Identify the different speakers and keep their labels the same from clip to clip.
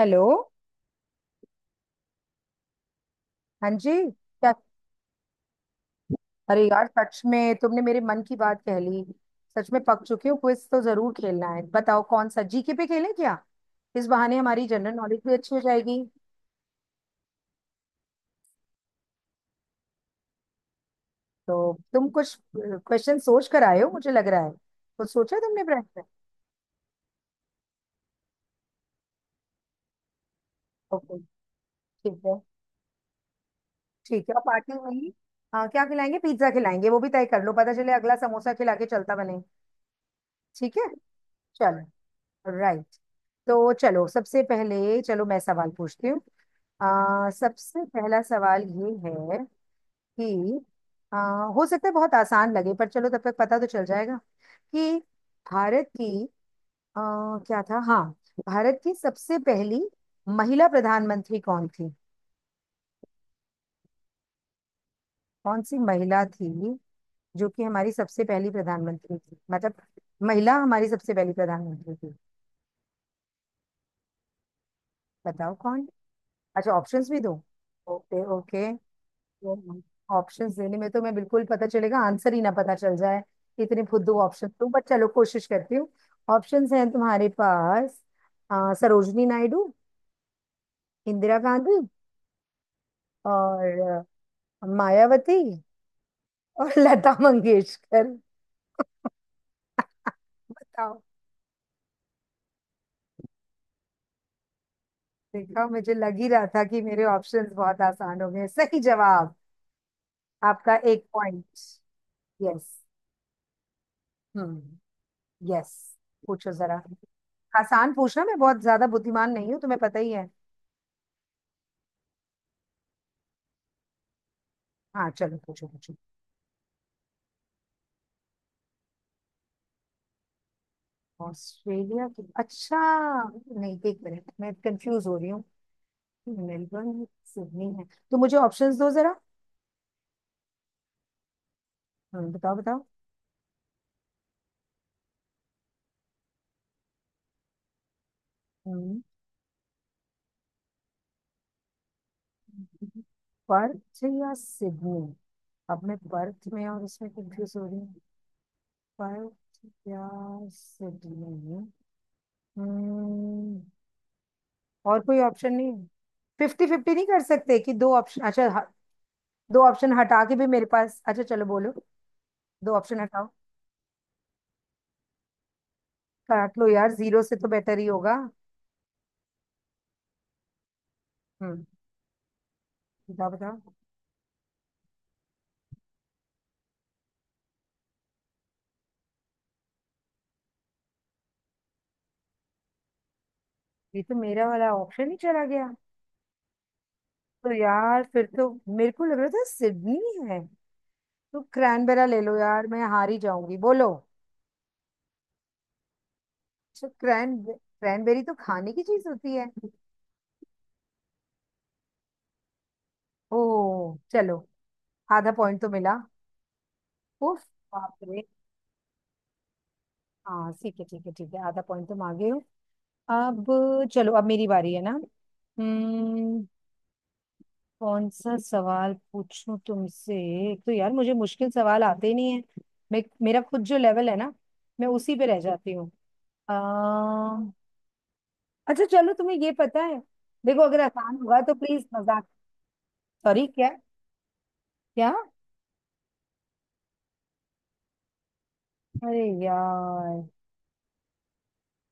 Speaker 1: Hello. हाँ जी, क्या? अरे यार, सच में तुमने मेरे मन की बात कह ली। सच में पक चुके हो, क्विज तो जरूर खेलना है। बताओ, कौन सा? जीके पे खेलें क्या? इस बहाने हमारी जनरल नॉलेज भी अच्छी हो जाएगी। तो तुम कुछ क्वेश्चन सोच कर आए हो, मुझे लग रहा है। कुछ सोचा तुमने ब्रेक पे? ओके। ठीक है। ठीक है, और पार्टी में? हाँ, क्या खिलाएंगे? पिज्जा खिलाएंगे? वो भी तय कर लो, पता चले अगला समोसा खिला के चलता बने। ठीक है। चलो। राइट। तो चलो, सबसे पहले चलो मैं सवाल पूछती हूँ। सबसे पहला सवाल ये है कि हो सकता है बहुत आसान लगे, पर चलो तब तक पता तो चल जाएगा कि भारत की आ, क्या था, हाँ, भारत की सबसे पहली महिला प्रधानमंत्री कौन थी? कौन सी महिला थी जो कि हमारी सबसे पहली प्रधानमंत्री थी? मतलब, महिला हमारी सबसे पहली प्रधानमंत्री थी। बताओ कौन। अच्छा, ऑप्शंस भी दो। Okay, okay. ऑप्शंस देने में तो मैं बिल्कुल, पता चलेगा आंसर ही, ना पता चल जाए। इतने फुद्दू ऑप्शन तो, बट चलो कोशिश करती हूँ। ऑप्शंस हैं तुम्हारे पास। सरोजनी नायडू, इंदिरा गांधी, और मायावती, और लता मंगेशकर। बताओ। देखा, मुझे लग ही रहा था कि मेरे ऑप्शंस बहुत आसान हो गए। सही जवाब। आपका एक पॉइंट। यस। हम्म। यस, पूछो जरा। आसान पूछना, मैं बहुत ज्यादा बुद्धिमान नहीं हूँ, तुम्हें पता ही है। हाँ, चलो, पूछो पूछो। ऑस्ट्रेलिया की? अच्छा। नहीं, एक मिनट, मैं कंफ्यूज हो रही हूँ। मेलबर्न है, सिडनी है। तो मुझे ऑप्शंस दो जरा। बताओ बताओ। हम्म, पर्थ या सिडनी। अब मैं पर्थ में और इसमें कंफ्यूज हो रही हूँ। पर्थ या सिडनी। हम्म। और कोई ऑप्शन नहीं है? फिफ्टी फिफ्टी नहीं कर सकते कि दो ऑप्शन? अच्छा, दो ऑप्शन हटा के भी मेरे पास अच्छा, चलो बोलो। दो ऑप्शन हटाओ। काट लो यार, जीरो से तो बेटर ही होगा। हम्म। बताओ बताओ। ये तो मेरा वाला ऑप्शन ही चला गया। तो यार, फिर तो मेरे को लग रहा था सिडनी है। तो क्रैनबेरा ले लो यार, मैं हार ही जाऊंगी, बोलो। अच्छा, क्रैनबेरी तो खाने की चीज होती है। ओ, चलो, आधा पॉइंट तो मिला। उफ, बाप रे। हाँ, ठीक है, ठीक है, ठीक है, आधा पॉइंट तुम आ गए हो। अब, चलो, अब मेरी बारी है ना। हम्म। कौन सा सवाल पूछूं तुमसे? एक तो यार, मुझे मुश्किल सवाल आते ही नहीं है। मैं, मेरा खुद जो लेवल है ना, मैं उसी पे रह जाती हूँ। अम्म, अच्छा चलो, तुम्हें ये पता है? देखो, अगर आसान होगा तो प्लीज, मजाक। सॉरी, क्या? क्या? अरे यार।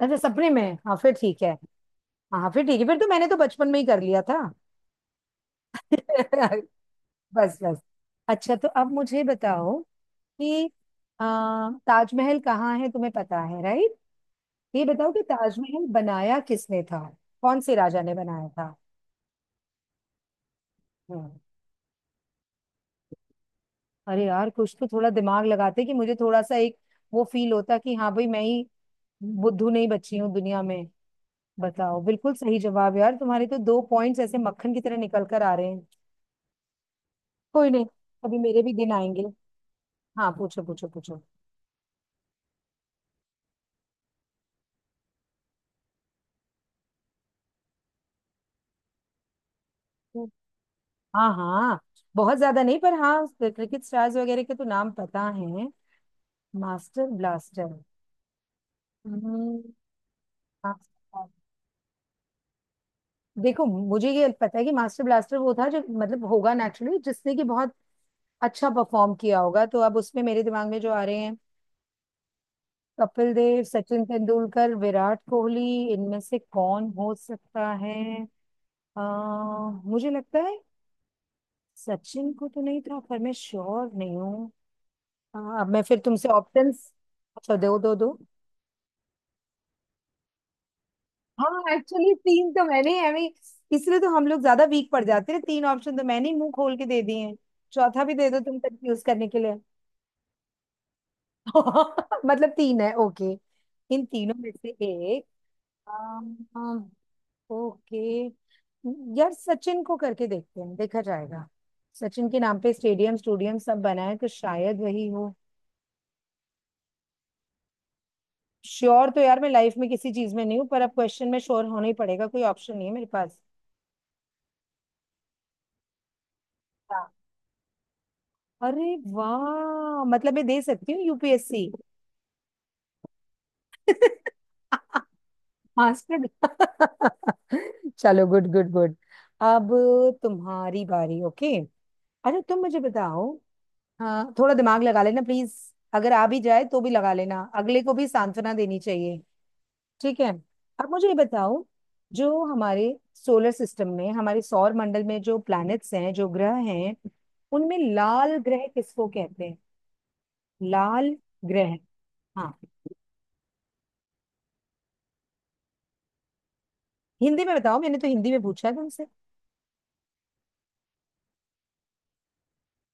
Speaker 1: अच्छा, सपने में। हाँ, फिर ठीक है। हाँ, फिर ठीक है, फिर तो मैंने तो बचपन में ही कर लिया था। बस, बस। अच्छा, तो अब मुझे बताओ कि अ, ताजमहल कहाँ है, तुम्हें पता है, राइट? ये बताओ कि ताजमहल बनाया किसने था? कौन से राजा ने बनाया था? हम्म। अरे यार, कुछ तो थोड़ा दिमाग लगाते कि मुझे थोड़ा सा एक वो फील होता कि हाँ भाई, मैं ही बुद्धू नहीं बची हूँ दुनिया में। बताओ, बिल्कुल सही जवाब। यार, तुम्हारे तो दो पॉइंट्स ऐसे मक्खन की तरह निकल कर आ रहे हैं। कोई नहीं, अभी मेरे भी दिन आएंगे। हाँ, पूछो पूछो पूछो। हाँ, हाँ। बहुत ज्यादा नहीं, पर हाँ, क्रिकेट स्टार्स वगैरह के तो नाम पता है। Master blaster. देखो, मुझे ये पता है कि मास्टर ब्लास्टर वो था जो, मतलब होगा नेचुरली जिसने कि बहुत अच्छा परफॉर्म किया होगा, तो अब उसमें मेरे दिमाग में जो आ रहे हैं, कपिल देव, सचिन तेंदुलकर, विराट कोहली। इनमें से कौन हो सकता है? अ, मुझे लगता है सचिन को तो नहीं था, पर मैं श्योर नहीं हूँ। अब मैं फिर तुमसे ऑप्शंस। अच्छा, दो दो दो। हाँ, एक्चुअली तीन तो मैंने, हमें इसलिए तो हम लोग ज्यादा वीक पड़ जाते हैं, तीन ऑप्शन तो मैंने ही मुंह खोल के दे दिए हैं। चौथा भी दे दो तुम कंफ्यूज करने के लिए। मतलब तीन है, ओके। इन तीनों में से एक। अम, ओके। यार सचिन को करके देखते हैं, देखा जाएगा। सचिन के नाम पे स्टेडियम, स्टूडियम सब बना है, तो शायद वही हो। श्योर? तो यार, मैं लाइफ में किसी चीज में नहीं हूँ, पर अब क्वेश्चन में श्योर होना ही पड़ेगा, कोई ऑप्शन नहीं है मेरे पास। हाँ। अरे वाह, मतलब मैं दे सकती हूँ यूपीएससी। हॉस्पिटल। चलो, गुड गुड गुड। अब तुम्हारी बारी। ओके, अच्छा, तुम मुझे बताओ। हाँ, थोड़ा दिमाग लगा लेना प्लीज। अगर आ भी जाए तो भी लगा लेना, अगले को भी सांत्वना देनी चाहिए। ठीक है। अब मुझे ये बताओ, जो हमारे सोलर सिस्टम में, हमारे सौर मंडल में जो प्लैनेट्स हैं, जो ग्रह हैं, उनमें लाल ग्रह किसको कहते हैं? लाल ग्रह, हाँ। हिंदी में बताओ, मैंने तो हिंदी में पूछा है तुमसे।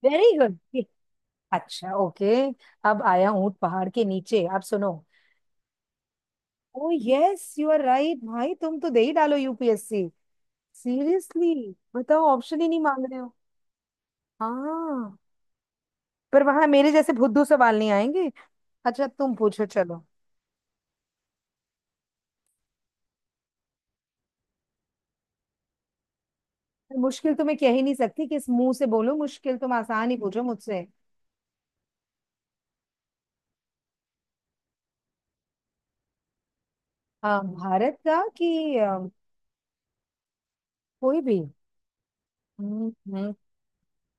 Speaker 1: Very good. अच्छा, ओके। अब आया ऊंट पहाड़ के नीचे, अब सुनो। Oh yes, you are right. भाई, तुम तो दे ही डालो यूपीएससी, सीरियसली। बताओ, ऑप्शन ही नहीं मांग रहे हो। हाँ, पर वहां मेरे जैसे भुद्धू सवाल नहीं आएंगे। अच्छा, तुम पूछो चलो। मुश्किल तो मैं कह ही नहीं सकती किस मुंह से, बोलो मुश्किल, तुम आसान ही पूछो मुझसे। भारत का, कि कोई भी? हम्म। हम्म।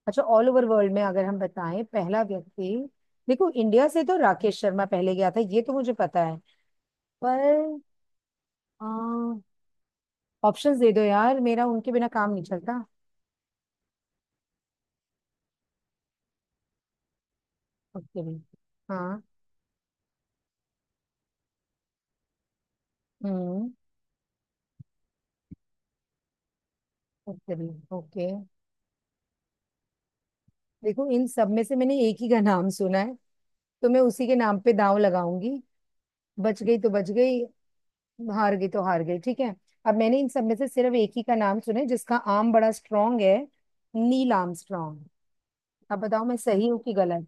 Speaker 1: अच्छा, ऑल ओवर वर्ल्ड में अगर हम बताएं पहला व्यक्ति। देखो, इंडिया से तो राकेश शर्मा पहले गया था, ये तो मुझे पता है, पर ऑप्शंस दे दो यार, मेरा उनके बिना काम नहीं चलता। उसके भी, हाँ। हम्म। उसके भी, ओके। देखो, इन सब में से मैंने एक ही का नाम सुना है, तो मैं उसी के नाम पे दांव लगाऊंगी। बच गई तो बच गई, हार गई तो हार गई, ठीक है। अब मैंने इन सब में से सिर्फ एक ही का नाम सुना है जिसका आर्म बड़ा स्ट्रांग है, नील आर्मस्ट्रांग। अब बताओ, मैं सही हूँ कि गलत?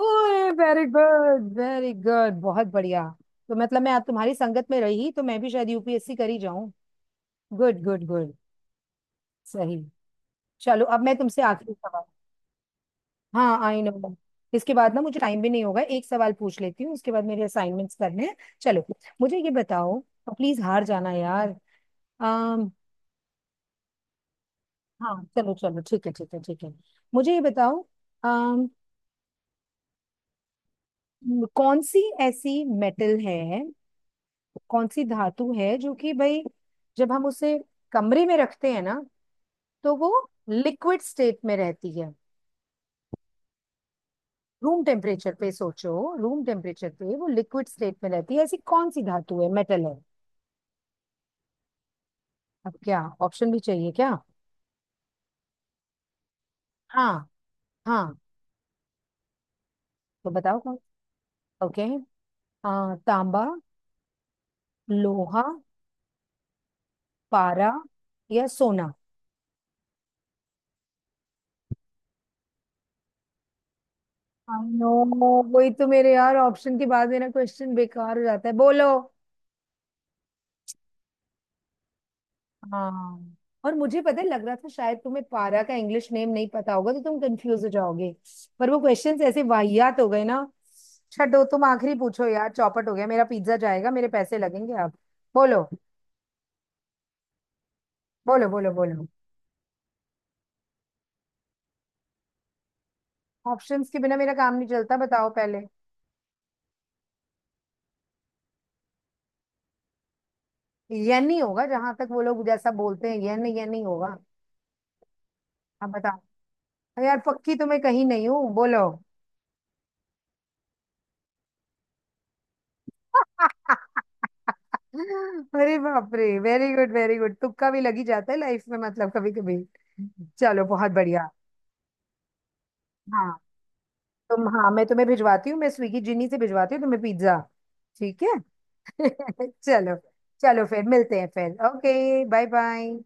Speaker 1: ओए, वेरी गुड, वेरी गुड, बहुत बढ़िया। तो मतलब, मैं अब तुम्हारी संगत में रही तो मैं भी शायद यूपीएससी कर ही जाऊं। Good good good. सही। चलो, अब मैं तुमसे आखिरी सवाल। हाँ, आई नो। इसके बाद ना मुझे टाइम भी नहीं होगा, एक सवाल पूछ लेती हूँ, उसके बाद मेरे असाइनमेंट्स करने हैं। चलो, मुझे ये बताओ। प्लीज, हार जाना यार। अम हाँ, चलो चलो, ठीक है, ठीक है, ठीक है। मुझे ये बताओ, अम कौन सी ऐसी मेटल है, कौन सी धातु है, जो कि भाई, जब हम उसे कमरे में रखते हैं ना, तो वो लिक्विड स्टेट में रहती है। रूम टेम्परेचर पे सोचो, रूम टेम्परेचर पे वो लिक्विड स्टेट में रहती है, ऐसी कौन सी धातु है, मेटल है? अब क्या ऑप्शन भी चाहिए क्या? हाँ, हाँ। तो बताओ कौन। ओके, तांबा, लोहा, पारा, या सोना। नो, वही तो, मेरे यार ऑप्शन के बाद मेरा क्वेश्चन बेकार हो जाता है, बोलो। हाँ, और मुझे पता है, लग रहा था शायद तुम्हें पारा का इंग्लिश नेम नहीं पता होगा, तो तुम कंफ्यूज हो जाओगे। पर वो क्वेश्चंस ऐसे वाहियात हो गए ना, छठो तुम आखिरी पूछो यार, चौपट हो गया, मेरा पिज्जा जाएगा, मेरे पैसे लगेंगे अब। बोलो बोलो बोलो। बोलो। ऑप्शंस के बिना मेरा काम नहीं चलता, बताओ पहले। ये नहीं होगा जहां तक वो लोग जैसा बोलते हैं, ये नहीं, ये नहीं होगा। अब बताओ। अरे यार, पक्की तुम्हें कहीं नहीं हूँ, बोलो। अरे बाप रे, वेरी गुड, वेरी गुड, तुक्का भी लगी जाता है लाइफ में, मतलब कभी कभी। चलो, बहुत बढ़िया। हाँ। तुम, हाँ, मैं तुम्हें भिजवाती हूँ, मैं स्विगी जिनी से भिजवाती हूँ तुम्हें पिज्जा। ठीक है। चलो। चलो फिर मिलते हैं फिर। Okay, bye bye.